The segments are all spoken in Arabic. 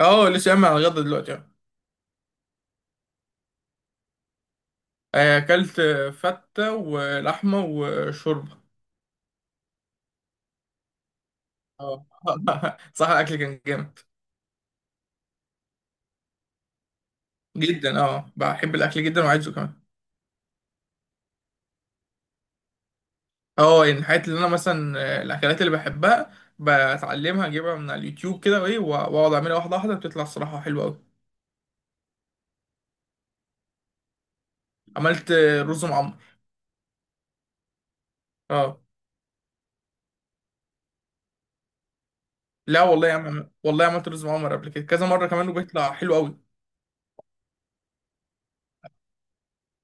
اه لسه قايم على الغدا دلوقتي اه. اكلت فتة ولحمة وشوربة. اه. صح الاكل كان جامد. جدا، بحب الاكل جدا وعايزه كمان. اه، يعني الحاجات اللي انا مثلا الاكلات اللي بحبها بتعلمها، اجيبها من على اليوتيوب كده، وايه، واقعد اعملها واحدة واحدة، بتطلع الصراحة حلوة قوي. عملت رز معمر. اه. لا والله يا عم، والله عملت رز معمر قبل كده كذا مرة كمان، وبيطلع حلو قوي.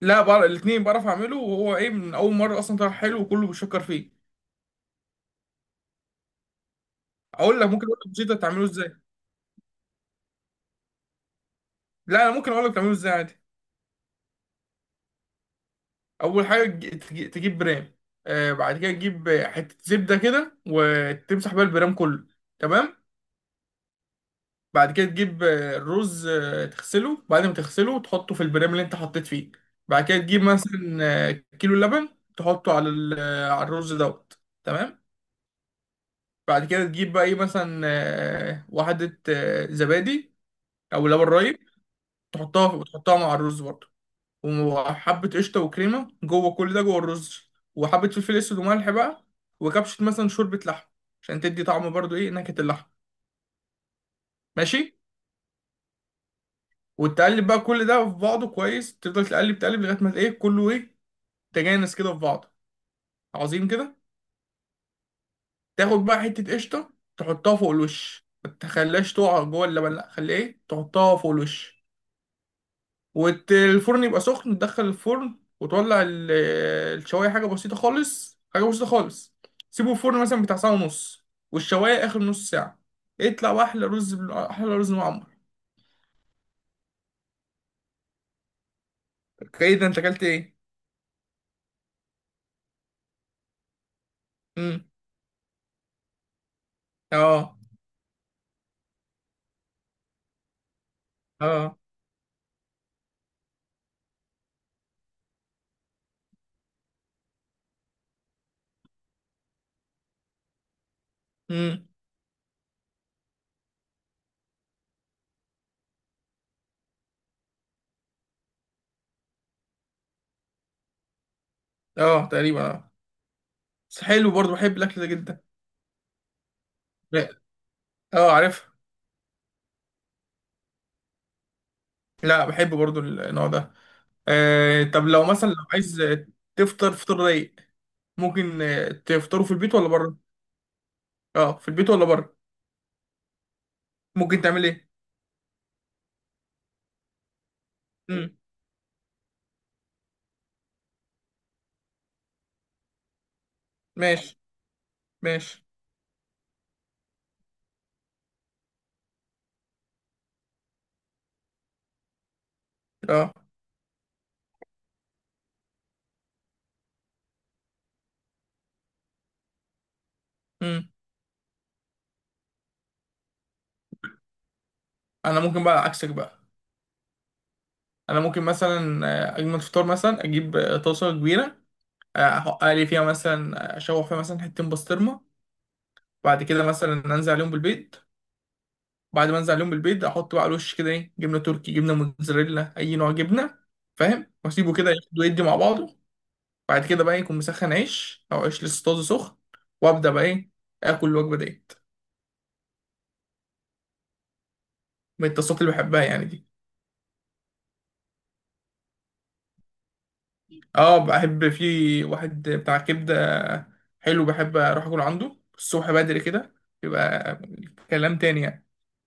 لا بقى، الاتنين بعرف اعمله، وهو ايه، من اول مرة اصلا طلع حلو وكله بيشكر فيه. اقول لك، ممكن اقول لك بسيطه تعمله ازاي. لا، انا ممكن اقول لك تعمله ازاي عادي. اول حاجه تجيب برام. آه، بعد كده تجيب حته زبده كده وتمسح بيها البرام كله. تمام. بعد كده تجيب الرز، تغسله، بعد ما تغسله تحطه في البرام اللي انت حطيت فيه. بعد كده تجيب مثلا آه، كيلو لبن، تحطه على على الرز دوت. تمام. بعد كده تجيب بقى، ايه، مثلا واحده زبادي، او لبن رايب. تحطها مع الرز برضه، وحبة قشطة وكريمة جوه، كل ده جوه الرز، وحبة فلفل أسود وملح بقى، وكبشة مثلا شوربة لحم، عشان تدي طعم برضو، إيه، نكهة اللحم. ماشي. وتقلب بقى كل ده في بعضه كويس، تفضل تقلب تقلب لغاية ما إيه كله إيه، تجانس كده في بعضه. عظيم كده. تاخد بقى حتة قشطة، تحطها فوق الوش، ما تخليهاش تقع جوه اللبن، لأ خليه إيه، تحطها فوق الوش. والفرن يبقى سخن، تدخل الفرن، وتولع الشوايه، حاجه بسيطه خالص، حاجه بسيطه خالص. سيبه في الفرن مثلا بتاع ساعه ونص، والشوايه اخر نص ساعه. اطلع، واحلى احلى رز معمر. اوكي، ده انت اكلت ايه؟ امم. اه. اه. امم. اه، تقريبا اه. بس حلو برضه، بحب الاكل ده جدا. لا،. اه، عارف. لا، بحب برضه النوع ده. طب لو مثلا، لو عايز تفطر فطار رايق، ممكن تفطره في البيت ولا بره؟ اه، في البيت ولا بره، ممكن تعمل ايه؟ امم. ماشي. ماشي. اه. امم. انا ممكن بقى عكسك بقى. انا ممكن مثلا اجمل فطار، مثلا اجيب طاسه كبيره، احط لي فيها مثلا اشوح فيها مثلا حتتين بسطرمه. بعد كده مثلا انزل عليهم بالبيض. بعد ما انزل عليهم بالبيض، احط بقى على الوش كده، ايه، جبنه تركي، جبنه موتزاريلا، اي نوع جبنه، فاهم، واسيبه كده ياخد ويدي مع بعضه. بعد كده بقى إيه، يكون مسخن عيش، او عيش لسه طازه سخن، وابدا بقى ايه، اكل الوجبه ديت. من التصاصات اللي بحبها يعني دي. اه، بحب في واحد بتاع كبدة حلو، بحب اروح اكل عنده الصبح بدري كده، يبقى كلام تاني يعني.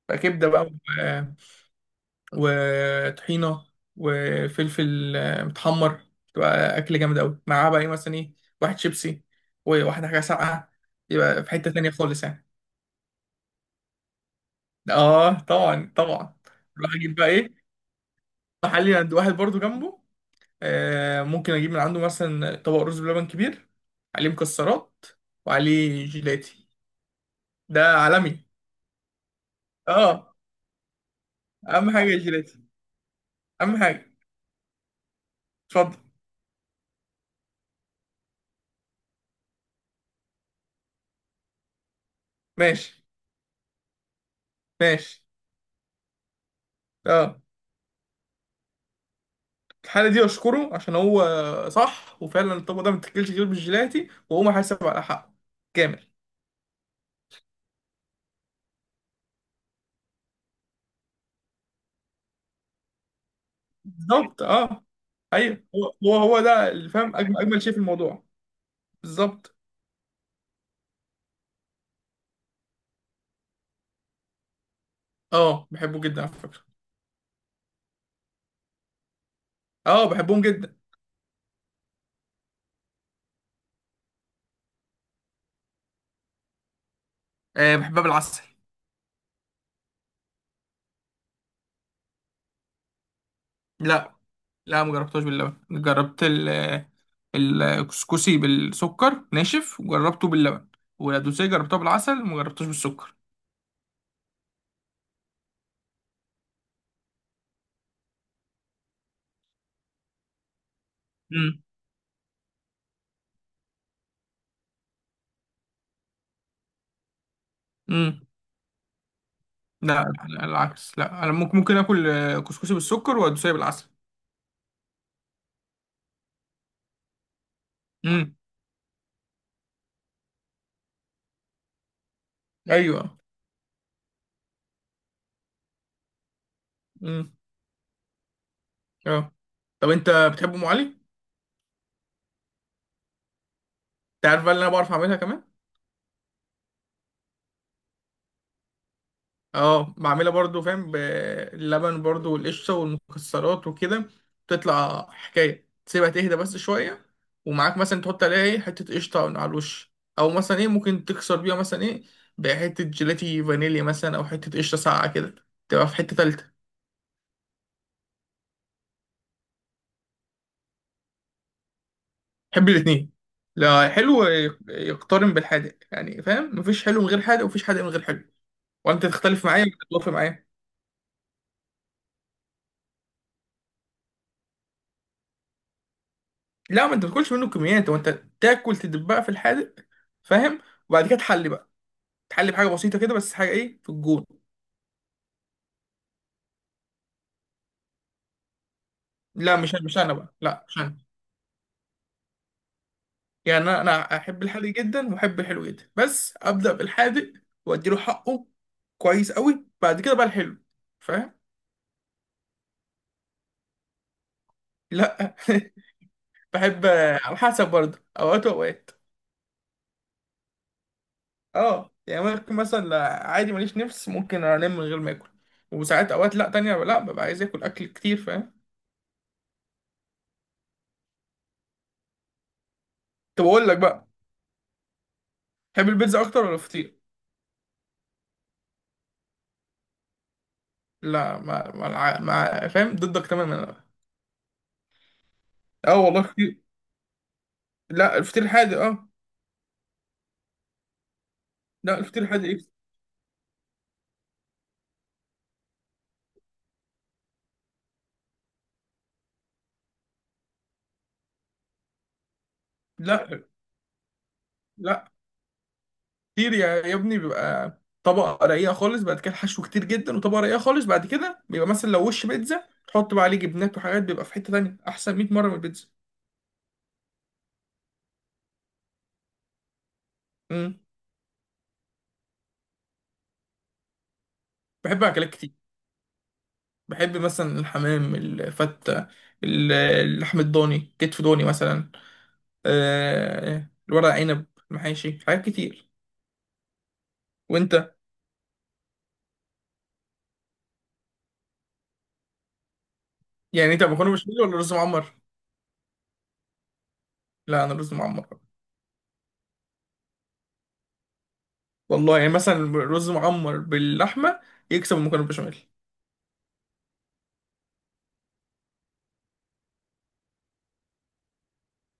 بقى كبدة بقى وطحينة وفلفل متحمر، تبقى أكل جامد أوي، معاه بقى إيه مثلا إيه، واحد شيبسي وواحدة حاجة ساقعة. يبقى في حتة تانية خالص يعني. آه، طبعا طبعا. أروح أجيب بقى إيه، محلي عند واحد برضو جنبه، ممكن اجيب من عنده مثلا طبق رز بلبن كبير، عليه مكسرات، وعليه جيلاتي. ده عالمي. اه، اهم حاجه الجيلاتي. اهم حاجه. اتفضل. ماشي. ماشي. اه. الحالة دي اشكره، عشان هو صح، وفعلا الطبق ده ما بتاكلش غير بالجيلاتي، وهو محاسب على حقه كامل. بالظبط اه. ايوه، هو ده اللي فاهم اجمل اجمل شيء في الموضوع. بالظبط. اه، بحبه جدا على فكره. اه، بحبهم جدا. آه، بحبها بالعسل. لا. لا، ما جربتهاش باللبن، جربت الكسكسي بالسكر ناشف، وجربته باللبن. والدوسيه جربتها بالعسل، وما جربتهاش بالسكر. مم. امم. لا. لا، العكس، لا، انا ممكن اكل كسكسي بالسكر والدوسيه بالعسل. امم. ايوه. امم. اه، طب انت بتحب ام علي؟ انت عارف بقى اللي انا بعرف اعملها كمان. اه، بعملها برضو فاهم، باللبن برضو والقشطة والمكسرات وكده، تطلع حكاية. تسيبها تهدى بس شوية، ومعاك مثلا تحط عليها ايه حتة قشطة على الوش، أو مثلا ايه ممكن تكسر بيها مثلا ايه، بحتة جيلاتي فانيليا مثلا، أو حتة قشطة ساقعة كده، تبقى في حتة تالتة. بحب الاتنين. لا، حلو يقترن بالحادق يعني، فاهم، مفيش حلو من غير حادق، ومفيش حادق من غير حلو. وانت تختلف معايا ولا تتوافق معايا؟ لا، ما انت ما تاكلش منه كميات، وانت تاكل، تدبها في الحادق فاهم، وبعد كده تحلي بقى، تحلي بحاجه بسيطه كده، بس حاجه ايه في الجون. لا، مش انا بقى، لا، مش انا. يعني انا احب الحادق جدا، واحب الحلو جدا، بس ابدا بالحادق، واديله حقه كويس قوي، بعد كده بقى الحلو، فاهم. لا. بحب. على حسب برضه، اوقات واوقات. اه يعني، ممكن مثلا لا، عادي ماليش نفس ممكن انام من غير ما اكل. وساعات اوقات لا تانية، لا، ببقى عايز اكل، اكل كتير فاهم. طب اقول لك بقى، تحب البيتزا اكتر ولا الفطير؟ لا، ما فاهم ضدك تماما أنا. اه والله. لا، الفطير الحادق اه. لا، الفطير الحادق ايه. لا. لا، كتير يا ابني، بيبقى طبقة رقيقة خالص، بعد كده الحشو كتير جدا، وطبقة رقيقة خالص، بعد كده بيبقى مثلا لو وش بيتزا، تحط بقى عليه جبنات وحاجات، بيبقى في حتة تانية أحسن 100 مرة من البيتزا. امم. بحب أكلات كتير. بحب مثلا الحمام، الفتة، اللحم الضاني، كتف ضاني مثلا، الورق عنب، المحاشي، حاجات كتير. وأنت؟ يعني أنت مكرونة بشاميل ولا رز معمر؟ لا، أنا رز معمر. والله يعني مثلا رز معمر باللحمه يكسب المكرونه بالبشاميل.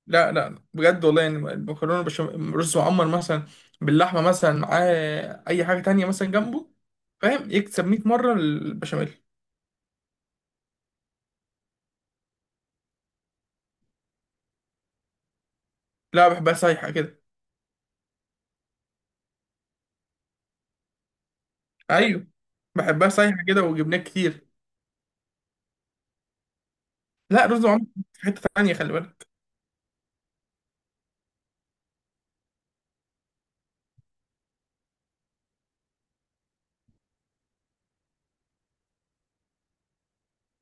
لا لا، بجد والله يعني، المكرونه بالبشاميل، رز معمر مثلا باللحمه مثلا معاه، اي حاجه تانية مثلا جنبه، فاهم، يكسب 100 مره البشاميل. لا، بحبها سايحه كده. ايوه، بحبها سايحه كده وجبنات كتير. لا، رز معمر، في حته تانية خلي بالك.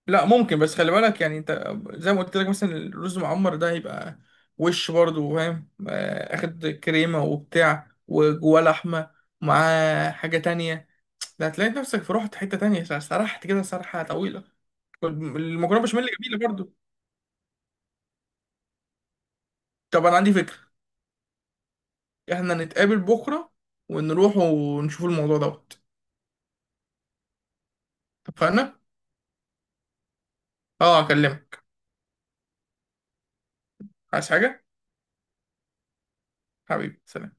لا ممكن، بس خلي بالك يعني انت زي ما قلت لك، مثلا الرز معمر ده هيبقى وش برضه فاهم، اخد كريمه وبتاع وجواه لحمه، مع حاجه تانية، ده هتلاقي نفسك في، رحت حته تانية، سرحت كده سرحه طويله. المكرونه بشاميل جميله برضه. طب انا عندي فكره، احنا نتقابل بكره، ونروح ونشوف الموضوع دوت. اتفقنا. اه، اكلمك. عايز حاجه؟ حبيبي، سلام.